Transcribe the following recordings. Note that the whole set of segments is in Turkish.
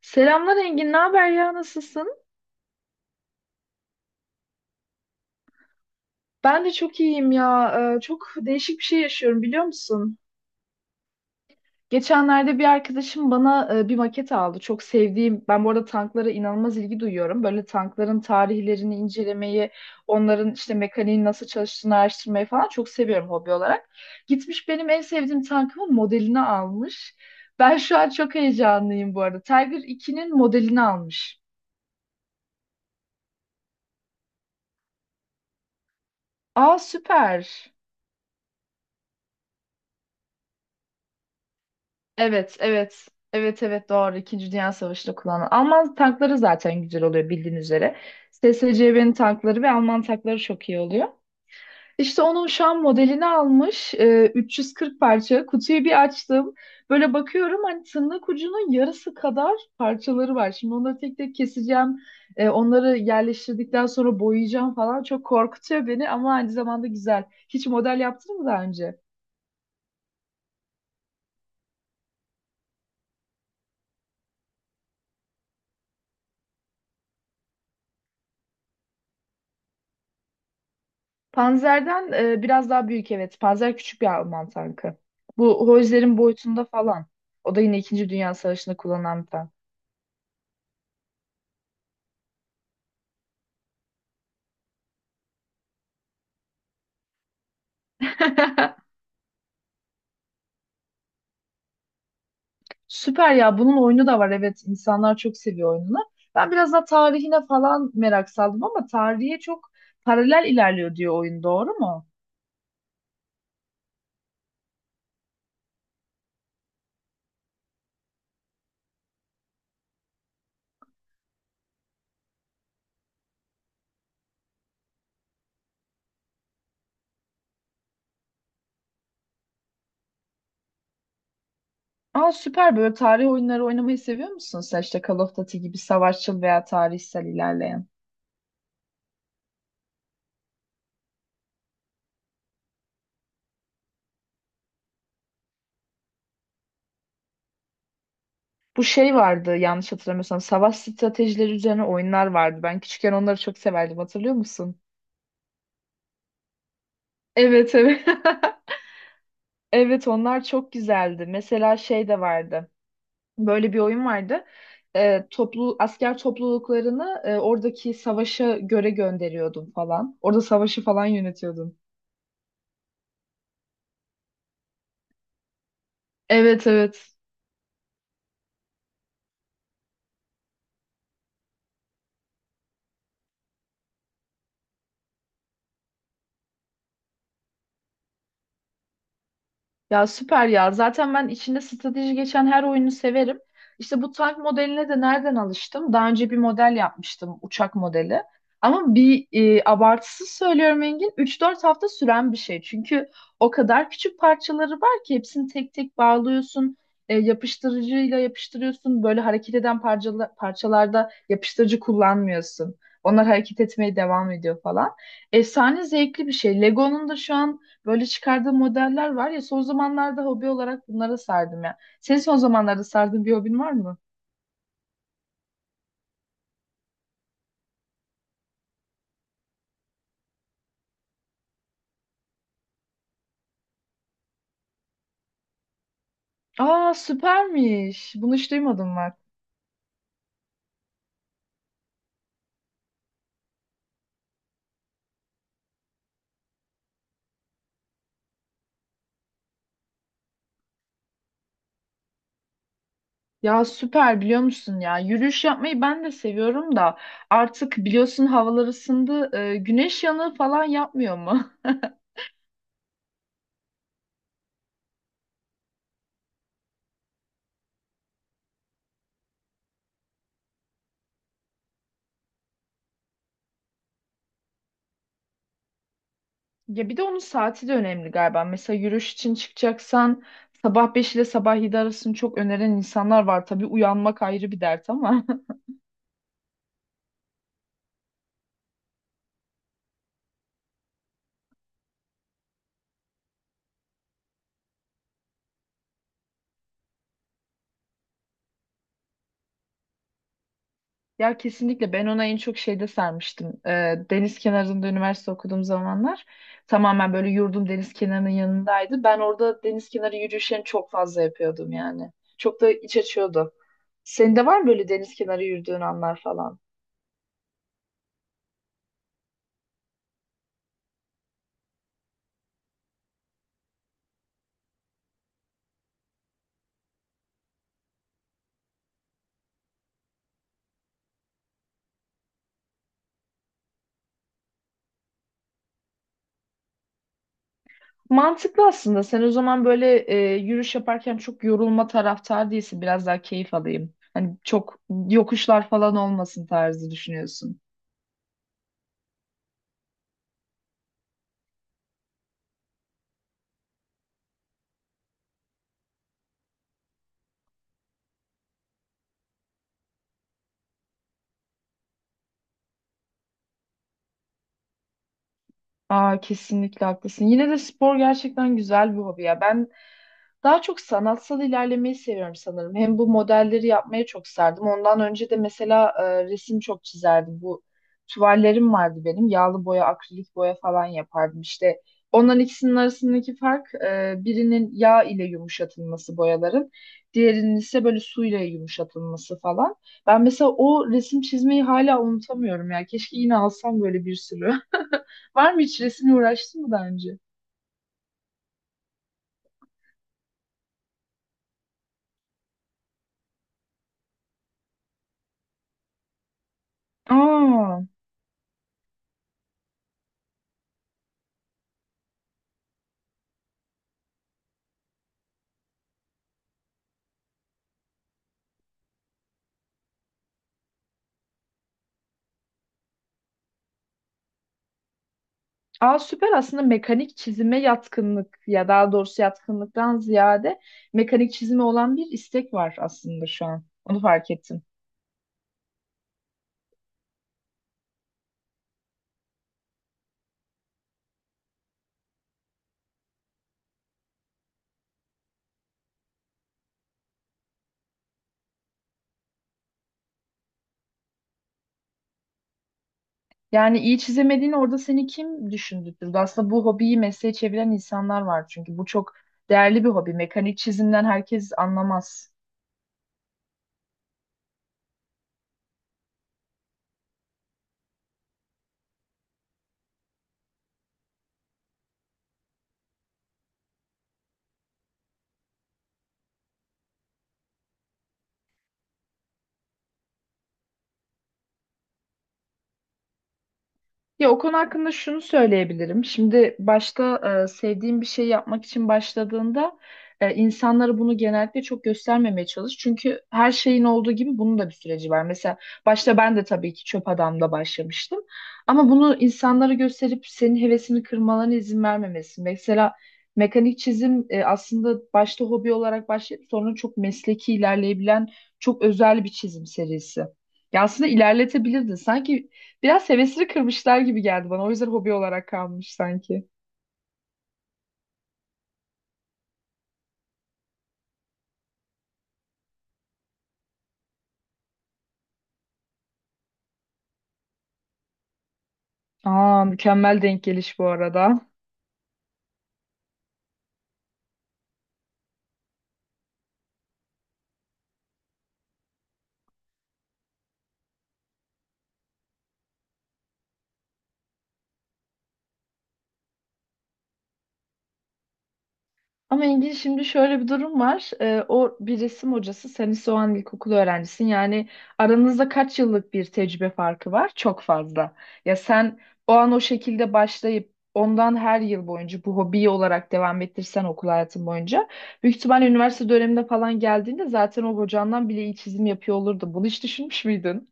Selamlar Engin, ne haber ya, nasılsın? Ben de çok iyiyim ya. Çok değişik bir şey yaşıyorum biliyor musun? Geçenlerde bir arkadaşım bana bir maket aldı. Çok sevdiğim, ben bu arada tanklara inanılmaz ilgi duyuyorum. Böyle tankların tarihlerini incelemeyi, onların işte mekaniğin nasıl çalıştığını araştırmayı falan çok seviyorum hobi olarak. Gitmiş benim en sevdiğim tankımın modelini almış. Ben şu an çok heyecanlıyım bu arada. Tiger 2'nin modelini almış. Aa süper. Evet, evet. Evet, evet doğru. İkinci Dünya Savaşı'nda kullanılan. Alman tankları zaten güzel oluyor bildiğin üzere. SSCB'nin tankları ve Alman tankları çok iyi oluyor. İşte onun şu an modelini almış. 340 parça. Kutuyu bir açtım. Böyle bakıyorum hani tırnak ucunun yarısı kadar parçaları var. Şimdi onları tek tek keseceğim. Onları yerleştirdikten sonra boyayacağım falan. Çok korkutuyor beni ama aynı zamanda güzel. Hiç model yaptın mı daha önce? Panzer'den biraz daha büyük evet. Panzer küçük bir Alman tankı. Bu Hojler'in boyutunda falan. O da yine İkinci Dünya Savaşı'nda kullanılan bir tank. Süper ya. Bunun oyunu da var. Evet, insanlar çok seviyor oyununu. Ben biraz daha tarihine falan merak saldım ama tarihe çok paralel ilerliyor diyor oyun. Doğru mu? Aa süper. Böyle tarih oyunları oynamayı seviyor musun sen? İşte Call of Duty gibi savaşçıl veya tarihsel ilerleyen. Bu şey vardı yanlış hatırlamıyorsam savaş stratejileri üzerine oyunlar vardı. Ben küçükken onları çok severdim hatırlıyor musun? Evet, evet. Evet, onlar çok güzeldi. Mesela şey de vardı. Böyle bir oyun vardı. Toplu asker topluluklarını oradaki savaşa göre gönderiyordum falan. Orada savaşı falan yönetiyordum. Evet, evet. Ya süper ya. Zaten ben içinde strateji geçen her oyunu severim. İşte bu tank modeline de nereden alıştım? Daha önce bir model yapmıştım, uçak modeli. Ama bir abartısız söylüyorum Engin, 3-4 hafta süren bir şey. Çünkü o kadar küçük parçaları var ki hepsini tek tek bağlıyorsun. Yapıştırıcıyla yapıştırıyorsun. Böyle hareket eden parçalarda yapıştırıcı kullanmıyorsun. Onlar hareket etmeye devam ediyor falan. Efsane zevkli bir şey. Lego'nun da şu an. Böyle çıkardığım modeller var ya, son zamanlarda hobi olarak bunlara sardım ya. Senin son zamanlarda sardığın bir hobin var mı? Aa süpermiş. Bunu hiç duymadım bak. Ya süper biliyor musun ya? Yürüyüş yapmayı ben de seviyorum da artık biliyorsun havalar ısındı. Güneş yanığı falan yapmıyor mu? Ya bir de onun saati de önemli galiba. Mesela yürüyüş için çıkacaksan sabah 5 ile sabah 7 arasını çok öneren insanlar var. Tabii uyanmak ayrı bir dert ama. Ya kesinlikle ben ona en çok şeyde sarmıştım. Deniz kenarında üniversite okuduğum zamanlar tamamen böyle yurdum deniz kenarının yanındaydı. Ben orada deniz kenarı yürüyüşlerini çok fazla yapıyordum yani. Çok da iç açıyordu. Senin de var mı böyle deniz kenarı yürüdüğün anlar falan? Mantıklı aslında. Sen o zaman böyle yürüyüş yaparken çok yorulma taraftar değilsin. Biraz daha keyif alayım. Hani çok yokuşlar falan olmasın tarzı düşünüyorsun. Aa, kesinlikle haklısın. Yine de spor gerçekten güzel bir hobi ya. Ben daha çok sanatsal ilerlemeyi seviyorum sanırım. Hem bu modelleri yapmaya çok sardım. Ondan önce de mesela resim çok çizerdim. Bu tuvallerim vardı benim. Yağlı boya, akrilik boya falan yapardım. İşte onların ikisinin arasındaki fark birinin yağ ile yumuşatılması boyaların. Diğerinin ise böyle suyla yumuşatılması falan. Ben mesela o resim çizmeyi hala unutamıyorum ya. Keşke yine alsam böyle bir sürü. Var mı, hiç resimle uğraştın mı daha önce? Aa, aa, süper aslında mekanik çizime yatkınlık ya, daha doğrusu yatkınlıktan ziyade mekanik çizime olan bir istek var aslında şu an. Onu fark ettim. Yani iyi çizemediğini orada seni kim düşündürttü? Aslında bu hobiyi mesleğe çeviren insanlar var çünkü bu çok değerli bir hobi. Mekanik çizimden herkes anlamaz. Ya o konu hakkında şunu söyleyebilirim. Şimdi başta sevdiğim bir şey yapmak için başladığında insanlara bunu genellikle çok göstermemeye çalış. Çünkü her şeyin olduğu gibi bunun da bir süreci var. Mesela başta ben de tabii ki çöp adamla başlamıştım. Ama bunu insanlara gösterip senin hevesini kırmalarına izin vermemesi. Mesela mekanik çizim aslında başta hobi olarak başlayıp sonra çok mesleki ilerleyebilen çok özel bir çizim serisi. Ya aslında ilerletebilirdin. Sanki biraz hevesini kırmışlar gibi geldi bana. O yüzden hobi olarak kalmış sanki. Aa, mükemmel denk geliş bu arada. Ama Engin şimdi şöyle bir durum var. O bir resim hocası, sen ise o an ilkokul öğrencisin. Yani aranızda kaç yıllık bir tecrübe farkı var? Çok fazla. Ya sen o an o şekilde başlayıp ondan her yıl boyunca bu hobiyi olarak devam ettirsen okul hayatın boyunca büyük ihtimal üniversite döneminde falan geldiğinde zaten o hocandan bile iyi çizim yapıyor olurdu. Bunu hiç düşünmüş müydün?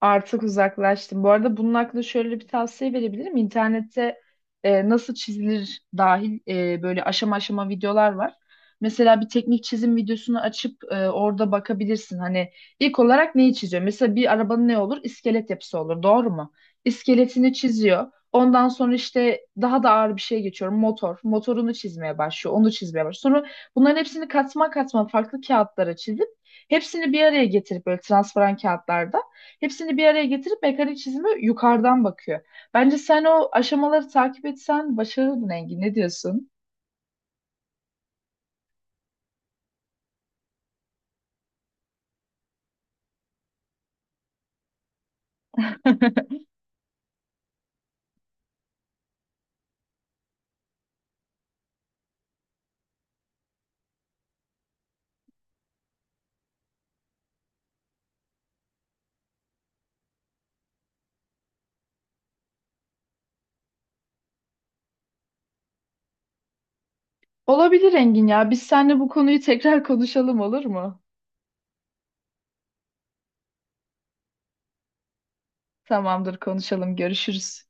Artık uzaklaştım. Bu arada bunun hakkında şöyle bir tavsiye verebilirim. İnternette nasıl çizilir dahil, böyle aşama aşama videolar var. Mesela bir teknik çizim videosunu açıp orada bakabilirsin. Hani ilk olarak neyi çiziyor? Mesela bir arabanın ne olur? İskelet yapısı olur. Doğru mu? İskeletini çiziyor. Ondan sonra işte daha da ağır bir şeye geçiyorum. Motor. Motorunu çizmeye başlıyor. Onu çizmeye başlıyor. Sonra bunların hepsini katma katma farklı kağıtlara çizip hepsini bir araya getirip böyle transparan kağıtlarda. Hepsini bir araya getirip mekanik çizimi yukarıdan bakıyor. Bence sen o aşamaları takip etsen başarırdın Engin. Ne diyorsun? Olabilir Engin ya. Biz seninle bu konuyu tekrar konuşalım olur mu? Tamamdır konuşalım. Görüşürüz.